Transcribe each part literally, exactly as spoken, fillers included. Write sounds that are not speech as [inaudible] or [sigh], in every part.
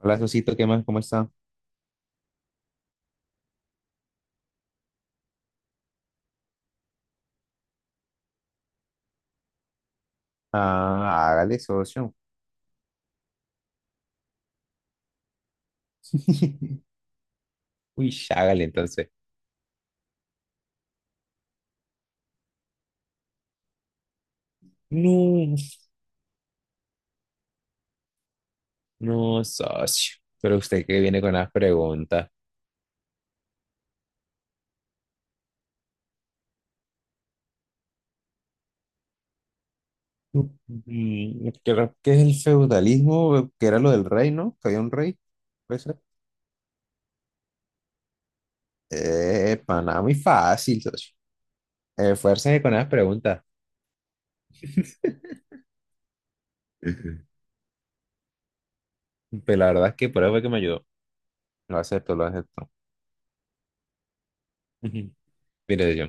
Hola, Sosito, ¿qué más? ¿Cómo está? Ah, hágale, socio. [laughs] Uy, hágale entonces. No, no, socio. Pero usted que viene con las preguntas. Mm, Creo que es el feudalismo, que era lo del rey, ¿no? Que había un rey, puede ser. Eh, pana, muy fácil, socio. Esfuércese con las preguntas. Ujú. Pero la verdad es que por eso fue que me ayudó. Lo acepto, lo acepto. Ujú. Mire, yo.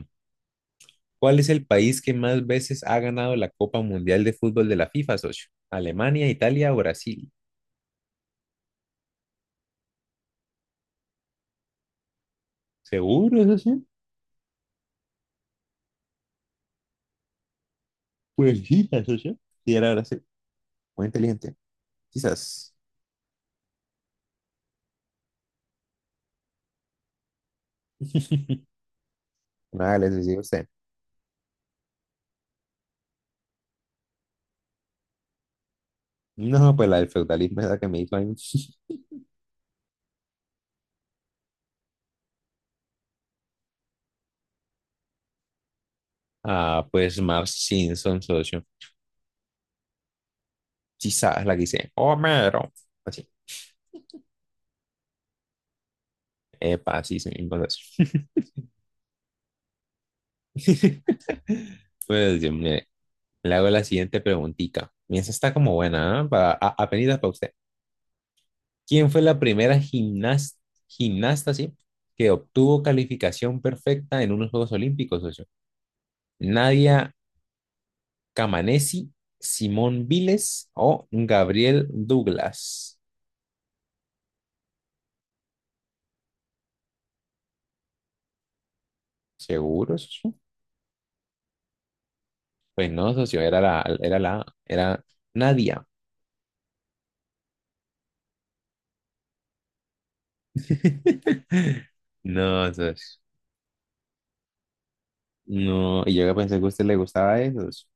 ¿Cuál es el país que más veces ha ganado la Copa Mundial de Fútbol de la FIFA, socio? ¿Alemania, Italia o Brasil? ¿Seguro, socio? Pues sí, socio. Sí, era Brasil. Muy inteligente. Quizás. [laughs] Vale, le decía usted. No, pues la del feudalismo es la que me hizo ahí. [laughs] Ah, pues Marge Simpson, socio. Quizás la que dice Homero. Así. Epa, sí, se me socio. [laughs] Pues, Dios mío, le hago la siguiente preguntita. Y esa está como buena, ¿ah? Para, a- apenitas para usted. ¿Quién fue la primera gimnas- gimnasta, sí, que obtuvo calificación perfecta en unos Juegos Olímpicos, socio? ¿Nadia Camanesi, Simón Viles o Gabriel Douglas? ¿Seguro, socio? Pues no, socio, era la, era la, era Nadia. [laughs] No, socio. No, y yo que pensé que a usted le gustaba eso, socio.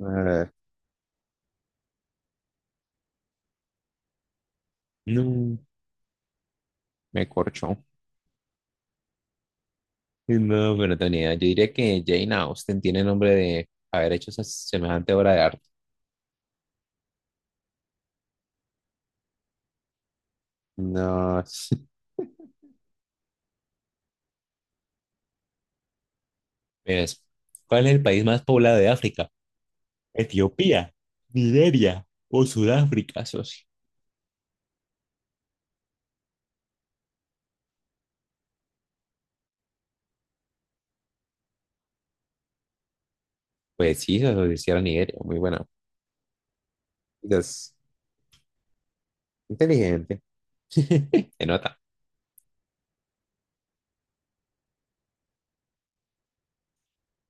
Ah, no, me corchó. No, pero Tony, yo diría que Jane Austen tiene nombre de haber hecho esa semejante obra de arte. No, [laughs] ves, ¿cuál es el país más poblado de África? Etiopía, Nigeria o Sudáfrica, socio. Pues sí, socio, sí era Nigeria, muy buena. Entonces, inteligente, se nota.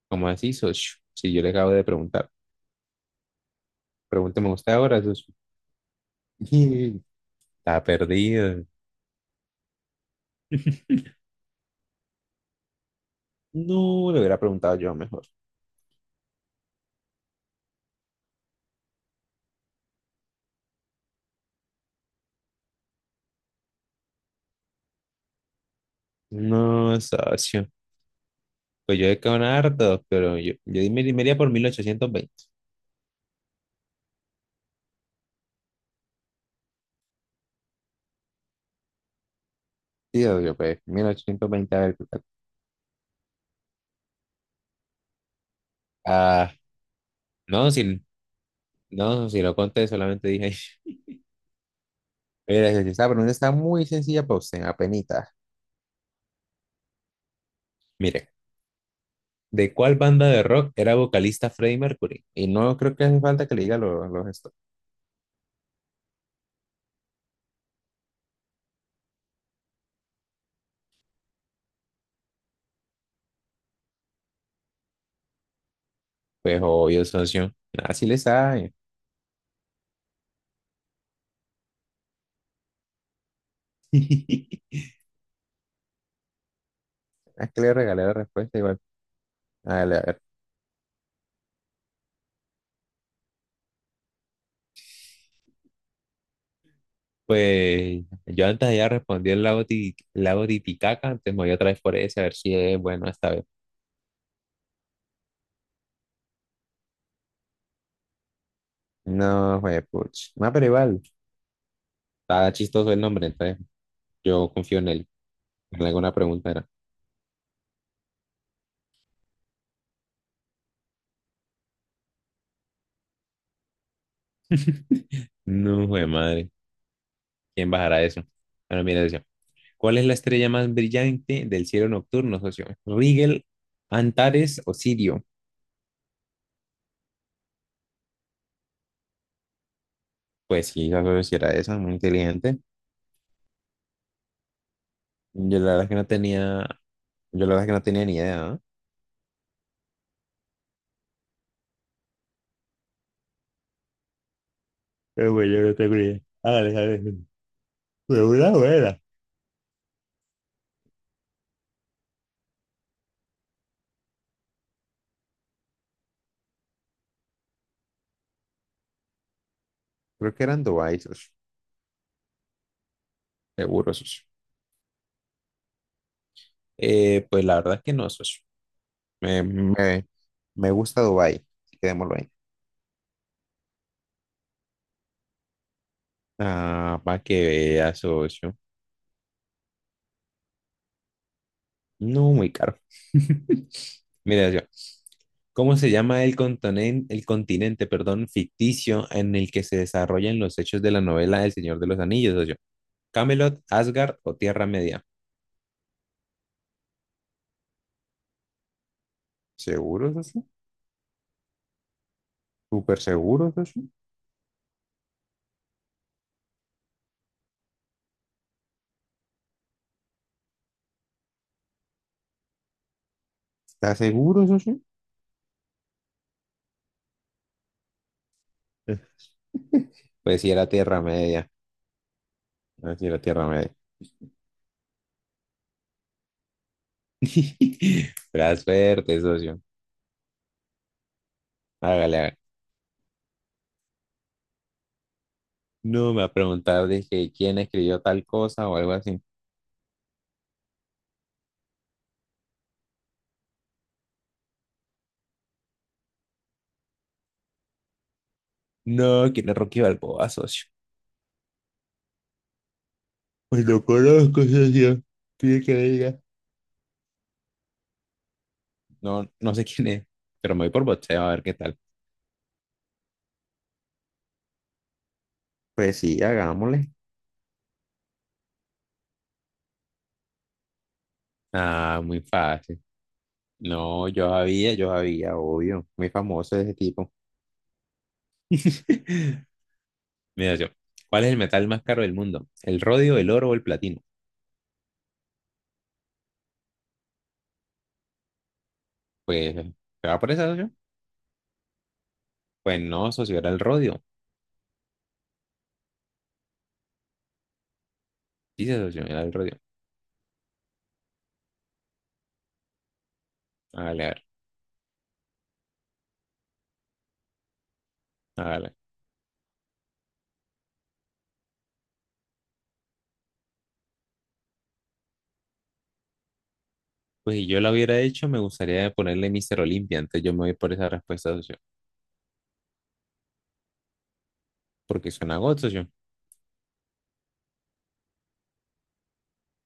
¿Cómo así, socio? Si yo le acabo de preguntar. Pregúnteme usted ahora, socio. [laughs] Está perdido. No, le hubiera preguntado yo mejor. No, socio. Pues yo he quedado en hartos, pero yo, yo me, me iría por mil ochocientos veinte. Sí, obvio, pues mil ochocientos veinte, a ver qué tal. Ah, no, si, no, si lo conté, solamente dije. [laughs] Mira, esa pregunta está muy sencilla para usted, apenita. Mire, ¿de cuál banda de rock era vocalista Freddie Mercury? Y no creo que hace falta que le diga los los esto. Pues obvio, socio. Así le sabe. [laughs] Es que le regalé la respuesta igual. Hágale, pues yo antes ya respondí el lago, Ti- lago Titicaca, antes me voy otra vez por ese a ver si es bueno esta vez. No, fue puch. No, pero igual, está chistoso el nombre, entonces yo confío en él. En alguna pregunta era. No, jue madre, ¿quién bajará eso? Bueno, mira, decía, ¿cuál es la estrella más brillante del cielo nocturno, socio? ¿Rigel, Antares o Sirio? Pues sí, la socio sí era esa, muy inteligente. Yo la verdad es que no tenía, yo la verdad es que no tenía ni idea, ¿no? Pero bueno, yo no tengo ni idea. Hágale, hágale. De una buena. Creo que eran Dubai, socio. Seguro, socio. Eh, pues la verdad es que no, socio. Me, me, me gusta Dubai. Quedémoslo ahí. Ah, para que vea, socio. No, muy caro. [laughs] Mira, yo. ¿Cómo se llama el continente, el continente, perdón, ficticio en el que se desarrollan los hechos de la novela El Señor de los Anillos, socio? ¿Camelot, Asgard o Tierra Media? ¿Seguro, socio? ¿Súper seguro, socio? ¿Estás seguro, socio? Pues sí, era Tierra Media. Así la Tierra Media. [laughs] Pero suerte, socio. Hágale, hágale. No me ha preguntado, dije, ¿quién escribió tal cosa o algo así? No, ¿quién es Rocky Balboa, socio? Pues lo conozco, socio. Pide que le diga. No, no sé quién es, pero me voy por boxeo a ver qué tal. Pues sí, hagámosle. Ah, muy fácil. No, yo sabía, yo sabía, obvio. Muy famoso ese tipo. [laughs] Mira, yo. ¿Cuál es el metal más caro del mundo? ¿El rodio, el oro o el platino? Pues, ¿se va por esa, socio? Pues no, socio, era el rodio. Dice socio, era el rodio. Hágale, a ver, hágale. Pues si yo lo hubiera hecho, me gustaría ponerle Mister Olimpia. Entonces yo me voy por esa respuesta, socio. Porque suena got, socio.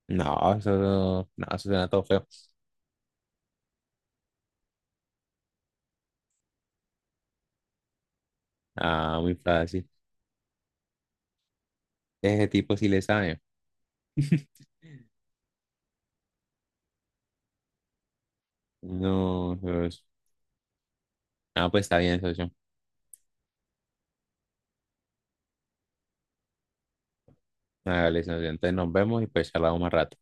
No, eso, no, eso suena todo feo. Ah, muy fácil. Ese tipo sí le sabe. No, socio. Ah, pues está bien, socio. Hágale, socio. Entonces nos vemos y pues charlamos más rato.